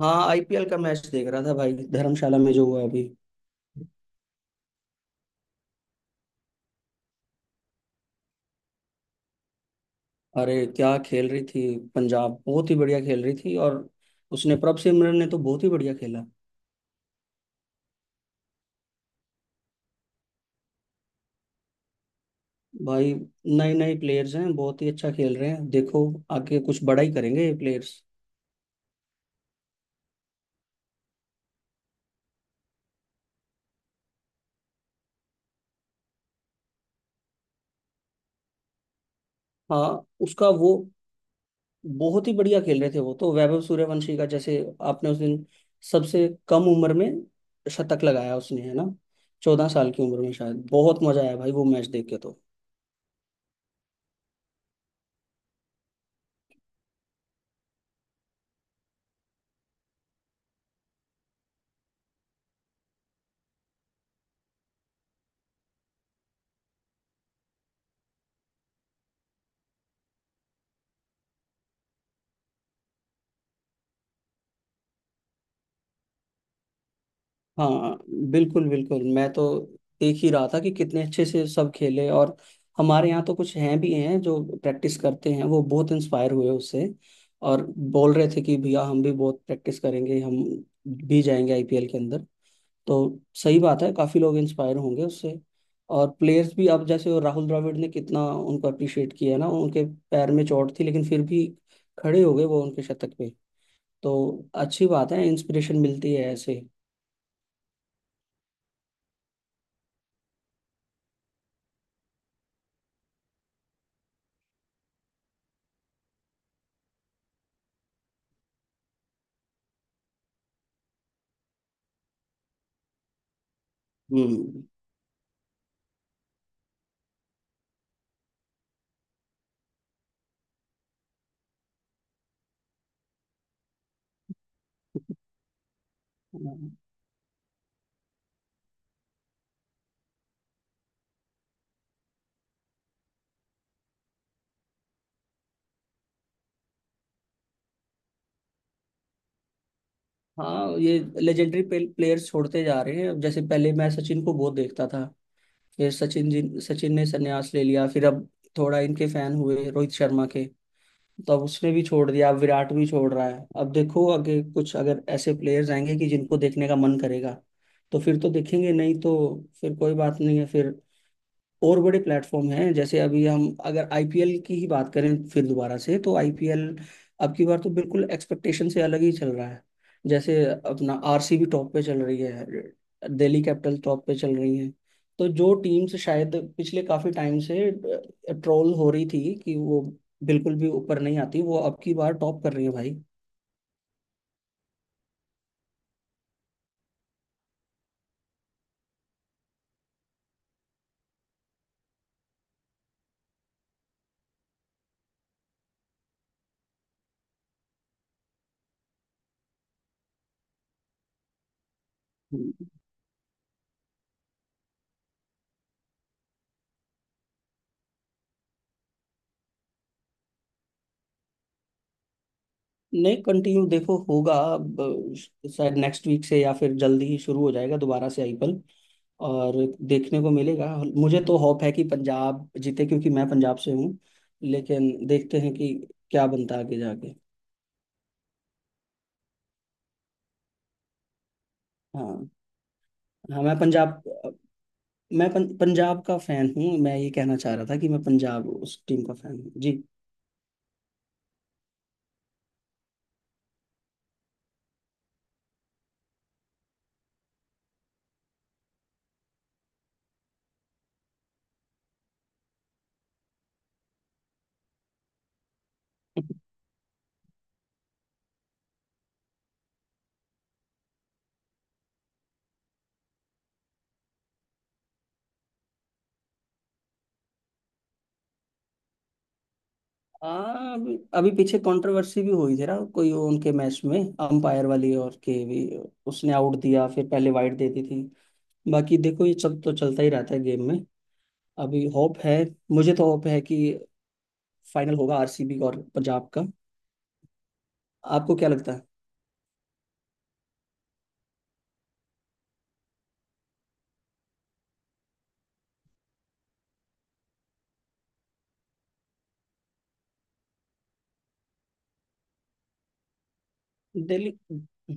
हाँ, आईपीएल का मैच देख रहा था भाई, धर्मशाला में जो हुआ अभी। अरे, क्या खेल रही थी। पंजाब बहुत ही बढ़िया खेल रही थी, और उसने प्रभ सिमरन ने तो बहुत ही बढ़िया खेला। भाई, नए नए प्लेयर्स हैं, बहुत ही अच्छा खेल रहे हैं, देखो आगे कुछ बड़ा ही करेंगे ये प्लेयर्स। हाँ, उसका वो बहुत ही बढ़िया खेल रहे थे, वो तो वैभव सूर्यवंशी का जैसे आपने उस दिन, सबसे कम उम्र में शतक लगाया उसने, है ना? 14 साल की उम्र में शायद, बहुत मजा आया भाई वो मैच देख के तो। हाँ, बिल्कुल बिल्कुल। मैं तो देख ही रहा था कि कितने अच्छे से सब खेले, और हमारे यहाँ तो कुछ हैं भी हैं जो प्रैक्टिस करते हैं, वो बहुत इंस्पायर हुए उससे, और बोल रहे थे कि भैया हम भी बहुत प्रैक्टिस करेंगे, हम भी जाएंगे आईपीएल के अंदर। तो सही बात है, काफ़ी लोग इंस्पायर होंगे उससे। और प्लेयर्स भी, अब जैसे वो राहुल द्रविड़ ने कितना उनको अप्रिशिएट किया है ना, उनके पैर में चोट थी लेकिन फिर भी खड़े हो गए वो उनके शतक पे। तो अच्छी बात है, इंस्पिरेशन मिलती है ऐसे। हम्म। हाँ, ये लेजेंडरी प्लेयर्स छोड़ते जा रहे हैं। अब जैसे पहले मैं सचिन को बहुत देखता था, फिर सचिन जी, सचिन ने संन्यास ले लिया। फिर अब थोड़ा इनके फैन हुए रोहित शर्मा के, तो अब उसने भी छोड़ दिया, अब विराट भी छोड़ रहा है। अब देखो, आगे कुछ अगर ऐसे प्लेयर्स आएंगे कि जिनको देखने का मन करेगा तो फिर तो देखेंगे, नहीं तो फिर कोई बात नहीं है। फिर और बड़े प्लेटफॉर्म हैं, जैसे अभी हम अगर आईपीएल की ही बात करें फिर दोबारा से, तो आईपीएल अब की बार तो बिल्कुल एक्सपेक्टेशन से अलग ही चल रहा है। जैसे अपना आरसीबी टॉप पे चल रही है, दिल्ली कैपिटल टॉप पे चल रही है। तो जो टीम्स शायद पिछले काफी टाइम से ट्रोल हो रही थी कि वो बिल्कुल भी ऊपर नहीं आती, वो अब की बार टॉप कर रही है। भाई, नहीं, कंटिन्यू देखो होगा अब, शायद नेक्स्ट वीक से या फिर जल्दी ही शुरू हो जाएगा दोबारा से आईपीएल। और देखने को मिलेगा। मुझे तो होप है कि पंजाब जीते, क्योंकि मैं पंजाब से हूँ। लेकिन देखते हैं कि क्या बनता है आगे जाके। हाँ। हाँ, मैं पंजाब मैं पं, पंजाब का फैन हूँ। मैं ये कहना चाह रहा था कि मैं पंजाब उस टीम का फैन हूँ जी। हाँ। अभी अभी पीछे कंट्रोवर्सी भी हुई थी ना कोई उनके मैच में, अंपायर वाली, और के भी उसने आउट दिया, फिर पहले वाइड दे दी थी। बाकी देखो, ये चल तो चलता ही रहता है गेम में। अभी होप है, मुझे तो होप है कि फाइनल होगा आरसीबी और पंजाब का। आपको क्या लगता है? दिल्ली, हम्म।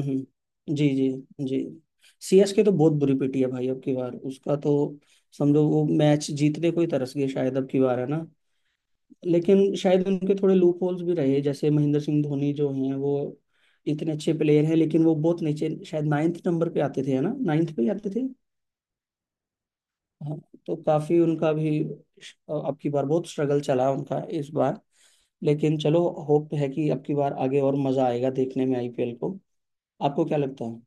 हम्म, जी जी जी। सीएसके तो बहुत बुरी पिटी है भाई, अब की बार उसका तो, समझो, वो मैच जीतने को ही तरस गए शायद अब की बार, है ना? लेकिन शायद उनके थोड़े लूप होल्स भी रहे, जैसे महेंद्र सिंह धोनी जो हैं, वो इतने अच्छे प्लेयर हैं, लेकिन वो बहुत नीचे, शायद नाइन्थ नंबर पे आते थे, है ना? नाइन्थ पे ही आते थे। हाँ, तो काफी उनका भी, अब की बार बहुत स्ट्रगल चला उनका इस बार। लेकिन चलो, होप है कि अब की बार आगे और मजा आएगा देखने में आईपीएल को। आपको क्या लगता है?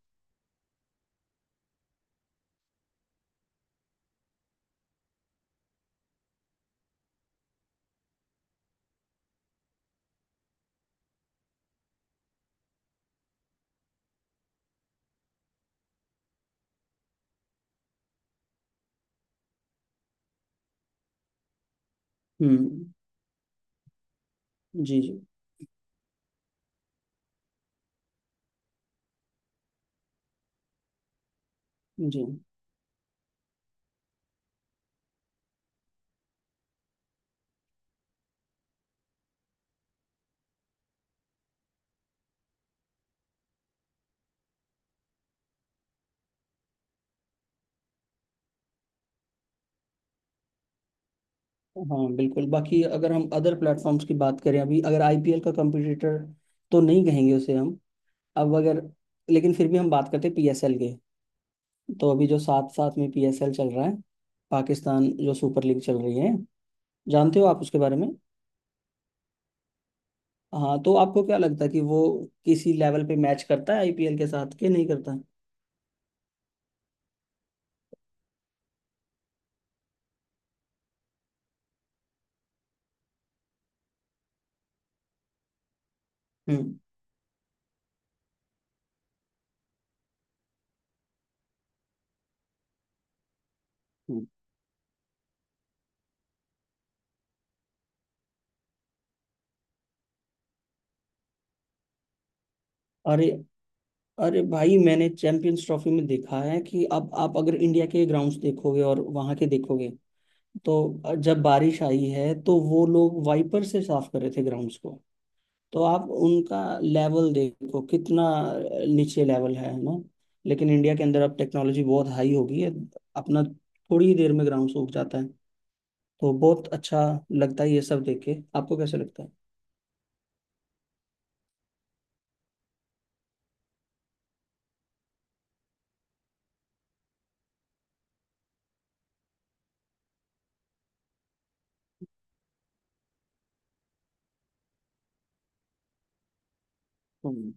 हम्म, जी जी जी। हाँ, बिल्कुल। बाकी अगर हम अदर प्लेटफॉर्म्स की बात करें, अभी अगर आईपीएल का कंपटीटर तो नहीं कहेंगे उसे हम, अब अगर, लेकिन फिर भी हम बात करते हैं पीएसएल के, तो अभी जो साथ साथ में पीएसएल चल रहा है, पाकिस्तान जो सुपर लीग चल रही है, जानते हो आप उसके बारे में? हाँ, तो आपको क्या लगता है कि वो किसी लेवल पे मैच करता है आईपीएल के साथ कि नहीं करता? हम्म, हम्म। अरे, अरे भाई, मैंने चैंपियंस ट्रॉफी में देखा है कि अब आप अगर इंडिया के ग्राउंड्स देखोगे और वहां के देखोगे, तो जब बारिश आई है तो वो लोग वाइपर से साफ कर रहे थे ग्राउंड्स को। तो आप उनका लेवल देखो कितना नीचे लेवल है, ना? लेकिन इंडिया के अंदर अब टेक्नोलॉजी बहुत हाई हो गई है। अपना थोड़ी ही देर में ग्राउंड सूख जाता है। तो बहुत अच्छा लगता है ये सब देख के। आपको कैसे लगता है? हम्म।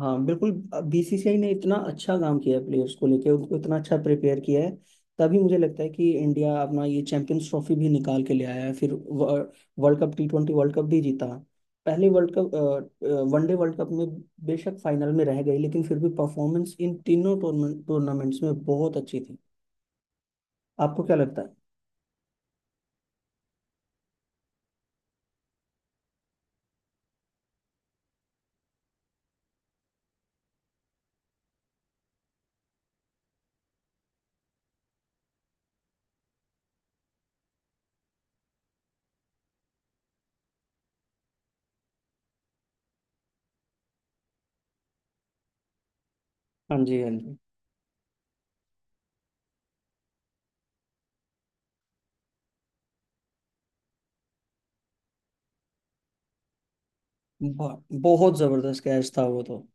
हाँ, बिल्कुल। बीसीसीआई ने इतना अच्छा काम किया है, प्लेयर्स को लेके उनको इतना अच्छा प्रिपेयर किया है। तभी मुझे लगता है कि इंडिया अपना ये चैंपियंस ट्रॉफी भी निकाल के ले आया है, फिर world cup, T20 world cup भी जीता। पहले world cup, one day world cup में बेशक फाइनल में रह गई, लेकिन फिर भी परफॉर्मेंस इन तीनों टूर्नामेंट्स में बहुत अच्छी थी। आपको क्या लगता है? हाँ जी, हाँ जी। बहुत जबरदस्त कैच था वो तो।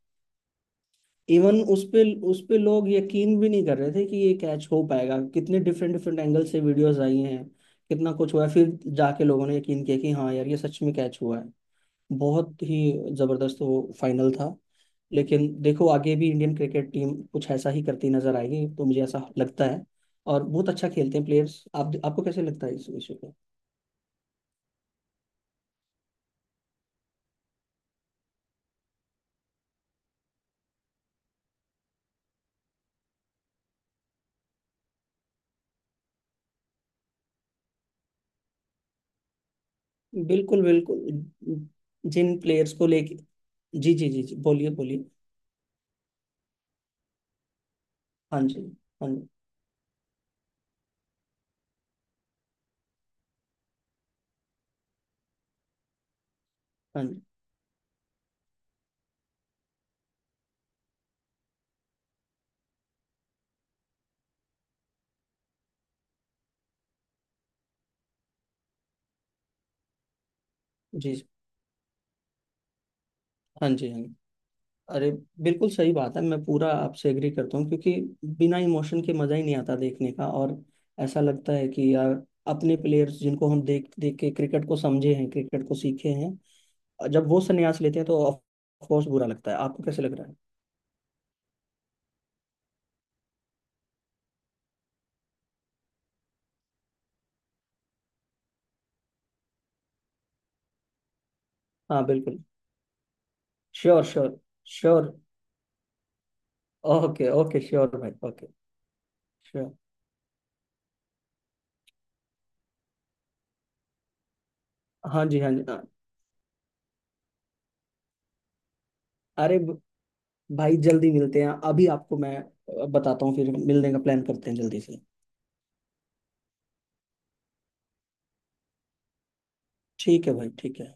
इवन उस पे, उस पे लोग यकीन भी नहीं कर रहे थे कि ये कैच हो पाएगा। कितने डिफरेंट डिफरेंट एंगल से वीडियोस आई हैं, कितना कुछ हुआ है, फिर जाके लोगों ने यकीन किया कि हाँ यार, ये सच में कैच हुआ है। बहुत ही जबरदस्त वो फाइनल था। लेकिन देखो, आगे भी इंडियन क्रिकेट टीम कुछ ऐसा ही करती नजर आएगी, तो मुझे ऐसा लगता है। और बहुत अच्छा खेलते हैं प्लेयर्स। आप, आपको कैसे लगता है इस विषय पे? बिल्कुल बिल्कुल। जिन प्लेयर्स को लेके। जी जी जी जी, बोलिए बोलिए। हाँ जी, हाँ जी। हाँ जी। जी जी हाँ जी, हाँ जी। अरे, बिल्कुल सही बात है, मैं पूरा आपसे एग्री करता हूँ, क्योंकि बिना इमोशन के मजा ही नहीं आता देखने का। और ऐसा लगता है कि यार, अपने प्लेयर्स जिनको हम देख देख के क्रिकेट को समझे हैं, क्रिकेट को सीखे हैं, और जब वो संन्यास लेते हैं तो ऑफ कोर्स बुरा लगता है। आपको कैसे लग रहा है? हाँ, बिल्कुल। Sure sure sure. Okay okay, sure भाई, ओके। श्योर। हाँ जी, हाँ जी हाँ। अरे ब- भाई, जल्दी मिलते हैं। अभी आपको मैं बताता हूँ, फिर मिलने का प्लान करते हैं जल्दी से। ठीक है भाई, ठीक है।